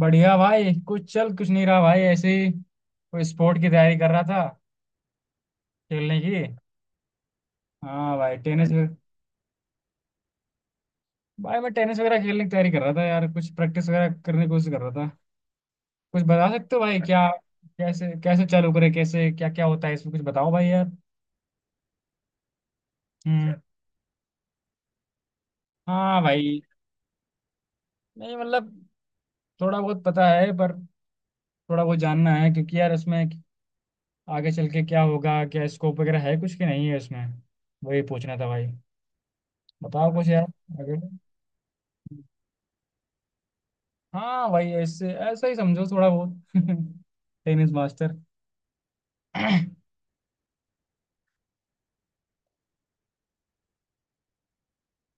बढ़िया भाई। कुछ चल कुछ नहीं रहा भाई। ऐसे ही कोई स्पोर्ट की तैयारी कर रहा था, खेलने की। हाँ भाई, टेनिस। भाई मैं टेनिस वगैरह खेलने की तैयारी कर रहा था यार, कुछ प्रैक्टिस वगैरह करने की कोशिश कर रहा था। कुछ बता सकते हो भाई, क्या कैसे कैसे चालू करे, कैसे क्या क्या होता है इसमें? कुछ बताओ भाई यार। हम्म। हाँ भाई। नहीं मतलब, थोड़ा बहुत पता है पर थोड़ा बहुत जानना है क्योंकि यार इसमें आगे चल के क्या होगा, क्या स्कोप वगैरह है कुछ कि नहीं है इसमें, वही पूछना था भाई। बताओ कुछ यार। आगे। हाँ भाई, ऐसे ऐसा ही समझो थोड़ा बहुत। Tennis master.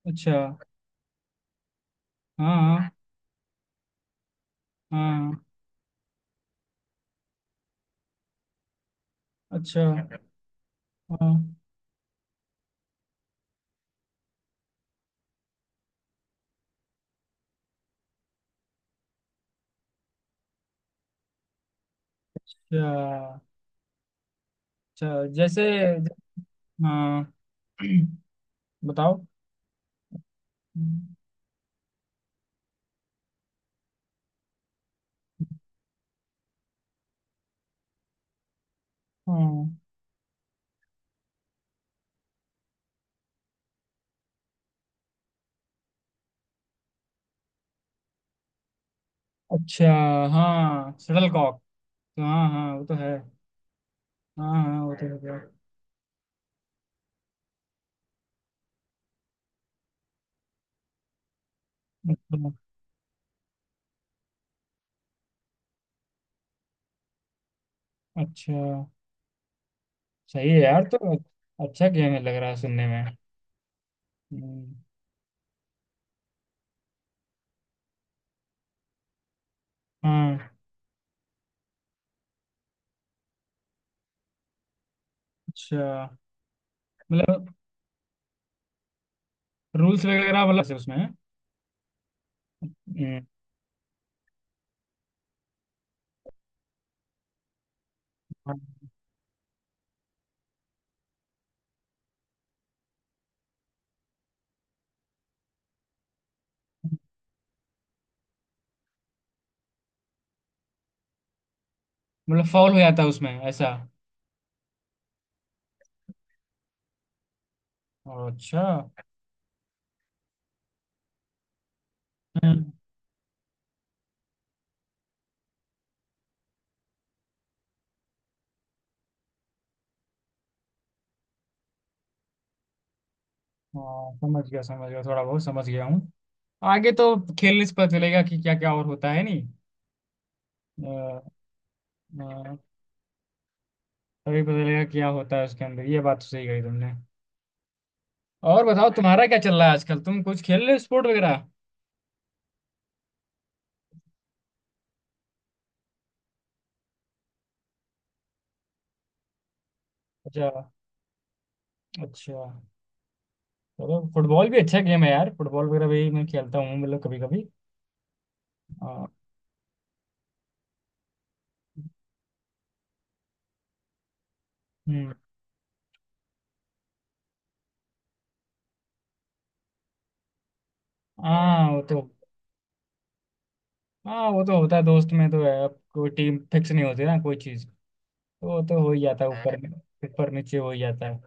अच्छा। हाँ हाँ हाँ। अच्छा। हाँ। अच्छा। अच्छा जैसे। हाँ। बताओ। हाँ। अच्छा। हाँ, शटल कॉक। हाँ हाँ, वो तो है। हाँ हाँ, वो तो है यार। अच्छा। अच्छा। सही है यार तो। अच्छा गेम है लग रहा है सुनने में। हम्म। हाँ। अच्छा। मतलब रूल्स वगैरह मतलब से उसमें हैं? हम्म। हाँ। मतलब फॉल हो जाता है उसमें, ऐसा? अच्छा। हम्म। हाँ समझ गया समझ गया, थोड़ा बहुत समझ गया हूँ। आगे तो खेलने से पता चलेगा कि क्या क्या और होता है नहीं। अ, अ, तभी पता चलेगा क्या होता है उसके अंदर, ये बात तो सही कही तुमने। और बताओ तुम्हारा क्या चल रहा है आजकल, तुम कुछ खेल रहे हो स्पोर्ट वगैरह? अच्छा। अच्छा। चलो फुटबॉल भी अच्छा गेम है यार। फुटबॉल वगैरह भी मैं खेलता हूँ मतलब कभी कभी। हम्म। हाँ वो तो। हाँ वो तो होता है, दोस्त में तो है, अब कोई टीम फिक्स नहीं होती ना कोई चीज तो वो तो हो ही जाता है ऊपर में- ऊपर नीचे हो ही जाता है।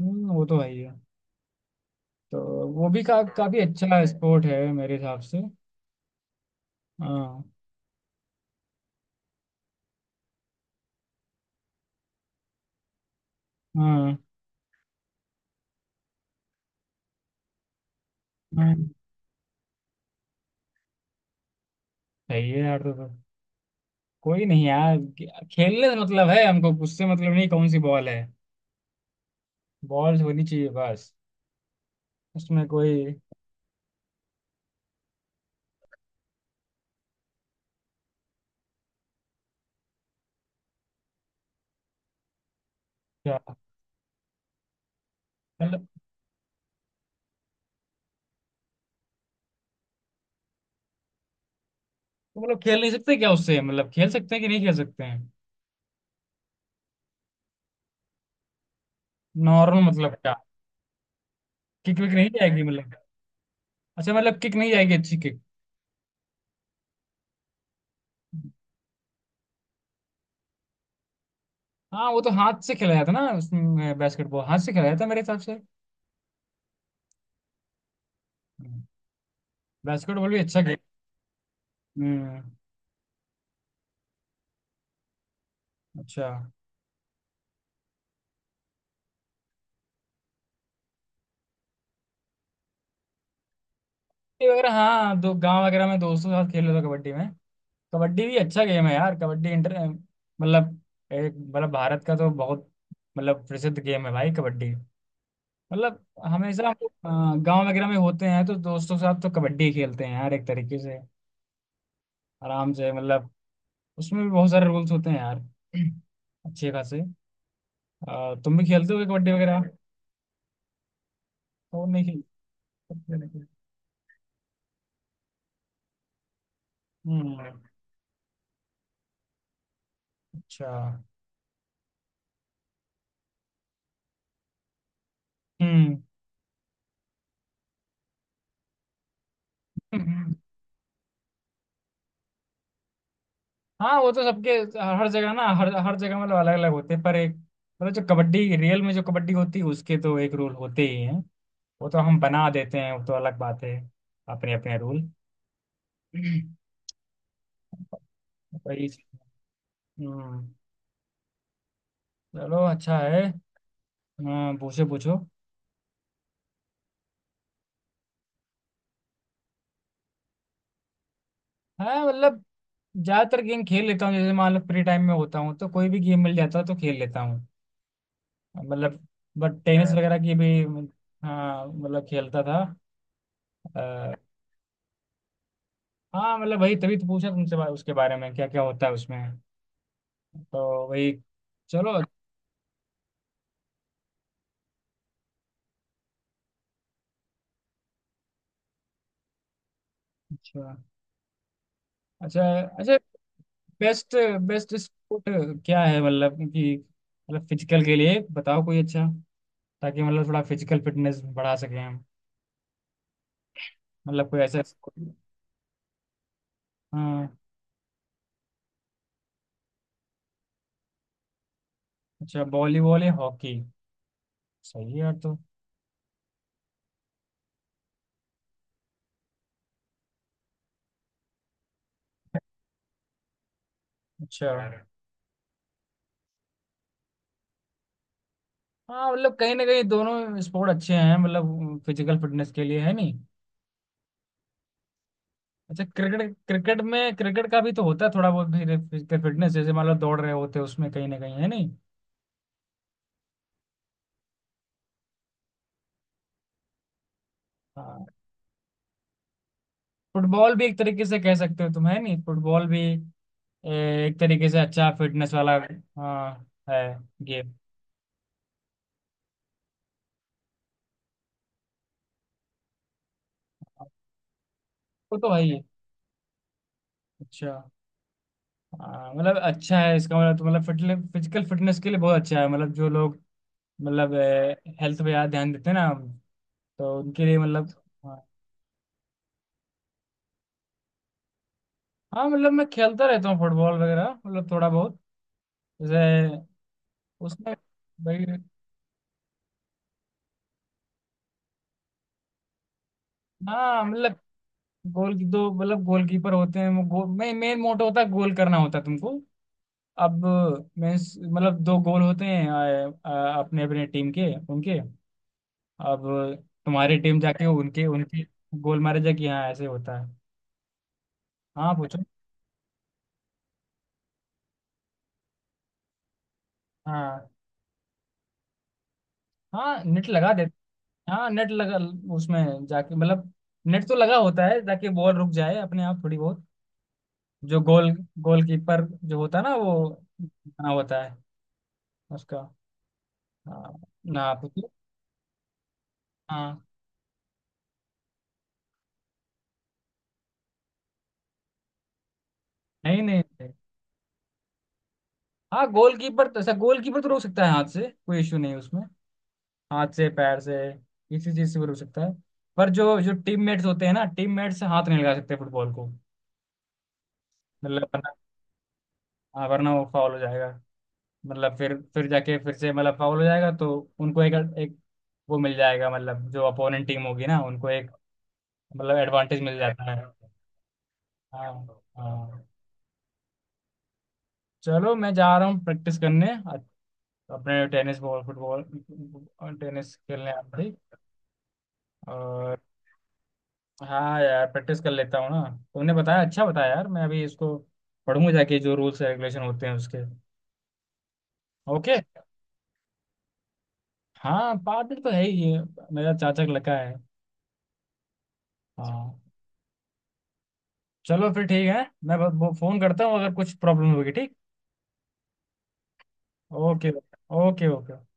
हम्म, वो तो है ही है। तो वो भी काफी अच्छा स्पोर्ट है मेरे हिसाब से। हाँ हाँ हाँ। सही है यार। तो कोई नहीं यार, खे- खेलने से मतलब है हमको, उससे मतलब नहीं कौन सी बॉल है, बॉल होनी चाहिए बस। उसमें कोई। क्या मतलब? तो मतलब खेल नहीं सकते क्या उससे, मतलब खेल सकते हैं कि नहीं खेल सकते हैं? नॉर्मल मतलब क्या? किक विक नहीं जाएगी मतलब? अच्छा, मतलब किक नहीं जाएगी, अच्छी किक। हाँ वो तो हाथ से खेला जाता ना उसमें, बास्केटबॉल हाथ से खेला जाता मेरे हिसाब से। बास्केटबॉल भी अच्छा खेल। हम्म। अच्छा। कबड्डी वगैरह हाँ, दो गांव वगैरह में दोस्तों के साथ खेल लेता कबड्डी में। कबड्डी भी अच्छा गेम है यार, कबड्डी इंटर मतलब, एक मतलब, भारत का तो बहुत मतलब प्रसिद्ध गेम है भाई कबड्डी मतलब। हमेशा हम लोग गाँव वगैरह में होते हैं तो दोस्तों के साथ तो कबड्डी ही खेलते हैं यार, एक तरीके से आराम से मतलब। उसमें भी बहुत सारे रूल्स होते हैं यार, अच्छे खासे। तुम भी खेलते हो कबड्डी वगैरह? वो नहीं सबके नहीं। हम्म। अच्छा। हम्म। हम्म। हाँ वो तो सबके, हर हर जगह ना, हर हर जगह मतलब अलग अलग होते हैं पर एक मतलब जो कबड्डी रियल में जो कबड्डी होती है उसके तो एक रूल होते ही हैं। वो तो हम बना देते हैं, वो तो अलग बात है, अपने अपने रूल। वही चीज़। हम्म। चलो अच्छा है। हाँ पूछो पूछो। हाँ मतलब ज्यादातर गेम खेल लेता हूँ, जैसे मान लो फ्री टाइम में होता हूँ तो कोई भी गेम मिल जाता है तो खेल लेता हूँ मतलब, बट टेनिस है वगैरह की भी। हाँ मतलब खेलता था। अ, हाँ मतलब वही तभी तो पूछा तुमसे बा- उसके बारे में क्या क्या होता है उसमें, तो वही। चलो। अच्छा। अच्छा। अच्छा। बेस्ट बेस्ट स्पोर्ट क्या है मतलब कि, मतलब फिजिकल के लिए बताओ कोई अच्छा, ताकि मतलब थोड़ा फिजिकल फिटनेस बढ़ा सकें हम, मतलब कोई ऐसा sport-। हाँ। अच्छा वॉलीबॉल या हॉकी, सही है यार तो। अच्छा। हाँ मतलब कहीं ना कहीं दोनों स्पोर्ट अच्छे हैं मतलब फिजिकल फिटनेस के लिए है नहीं। अच्छा क्रिकेट, क्रिकेट में, क्रिकेट का भी तो होता है थोड़ा बहुत भी फिजिकल फिटनेस, जैसे मान लो दौड़ रहे होते हैं उसमें कहीं ना कहीं है नहीं। हाँ। फुटबॉल भी एक तरीके से कह सकते हो तुम, है नहीं, फुटबॉल भी एक तरीके से अच्छा फिटनेस वाला। हाँ है गेम। वो तो है ही है। अच्छा। हाँ, मतलब अच्छा है इसका मतलब तो, मतलब फिजिकल फिटनेस के लिए बहुत अच्छा है मतलब, जो लोग मतलब हेल्थ पे ज्यादा ध्यान देते हैं ना तो उनके लिए मतलब। हाँ मतलब मैं खेलता रहता हूँ फुटबॉल वगैरह मतलब थोड़ा बहुत। जैसे उसमें। भाई। हाँ मतलब गोल, दो मतलब गोलकीपर होते हैं, वो गोल मैं मेन मोटो होता है, गोल करना होता है तुमको। अब मैं, मतलब दो गोल होते हैं आ, आ, अपने अपने टीम के उनके। अब तुम्हारी टीम जाके उनके उनके गोल मारे जाके, हाँ ऐसे होता है। हाँ पूछो। हाँ। हाँ नेट लगा देते। हाँ नेट लगा उसमें जाके मतलब, नेट तो लगा होता है ताकि बॉल रुक जाए अपने आप थोड़ी बहुत, जो गोल, गोलकीपर जो होता है ना वो बना होता है उसका। हाँ, ना पूछिए। हाँ। नहीं नहीं नहीं। हाँ गोलकीपर तो ऐसा, गोलकीपर तो रोक सकता है हाथ से, कोई इशू नहीं उसमें, हाथ से पैर से किसी चीज से वो रोक सकता है, पर जो जो टीम मेट्स होते हैं ना, टीम मेट्स से हाथ नहीं लगा सकते फुटबॉल को। मतलब वरना, हाँ वरना वो फाउल हो जाएगा मतलब, फिर जाके फिर से मतलब फाउल हो जाएगा, तो उनको एक एक वो मिल जाएगा, मतलब जो अपोनेंट टीम होगी ना उनको एक मतलब एडवांटेज मिल जाता है। हाँ। हाँ। चलो मैं जा रहा हूँ प्रैक्टिस करने, अ- अपने टेनिस बॉल फुटबॉल टेनिस खेलने आप भी और। हाँ यार प्रैक्टिस कर लेता हूँ ना, तुमने बताया अच्छा बताया यार, मैं अभी इसको पढ़ूंगा जाके, जो रूल्स रेगुलेशन होते हैं उसके। ओके। हाँ पादल तो है ही है, मेरा चाचा का लड़का है। हाँ चलो फिर ठीक है। मैं ब- वो फोन करता हूँ अगर कुछ प्रॉब्लम होगी, ठीक। ओके। Okay okay.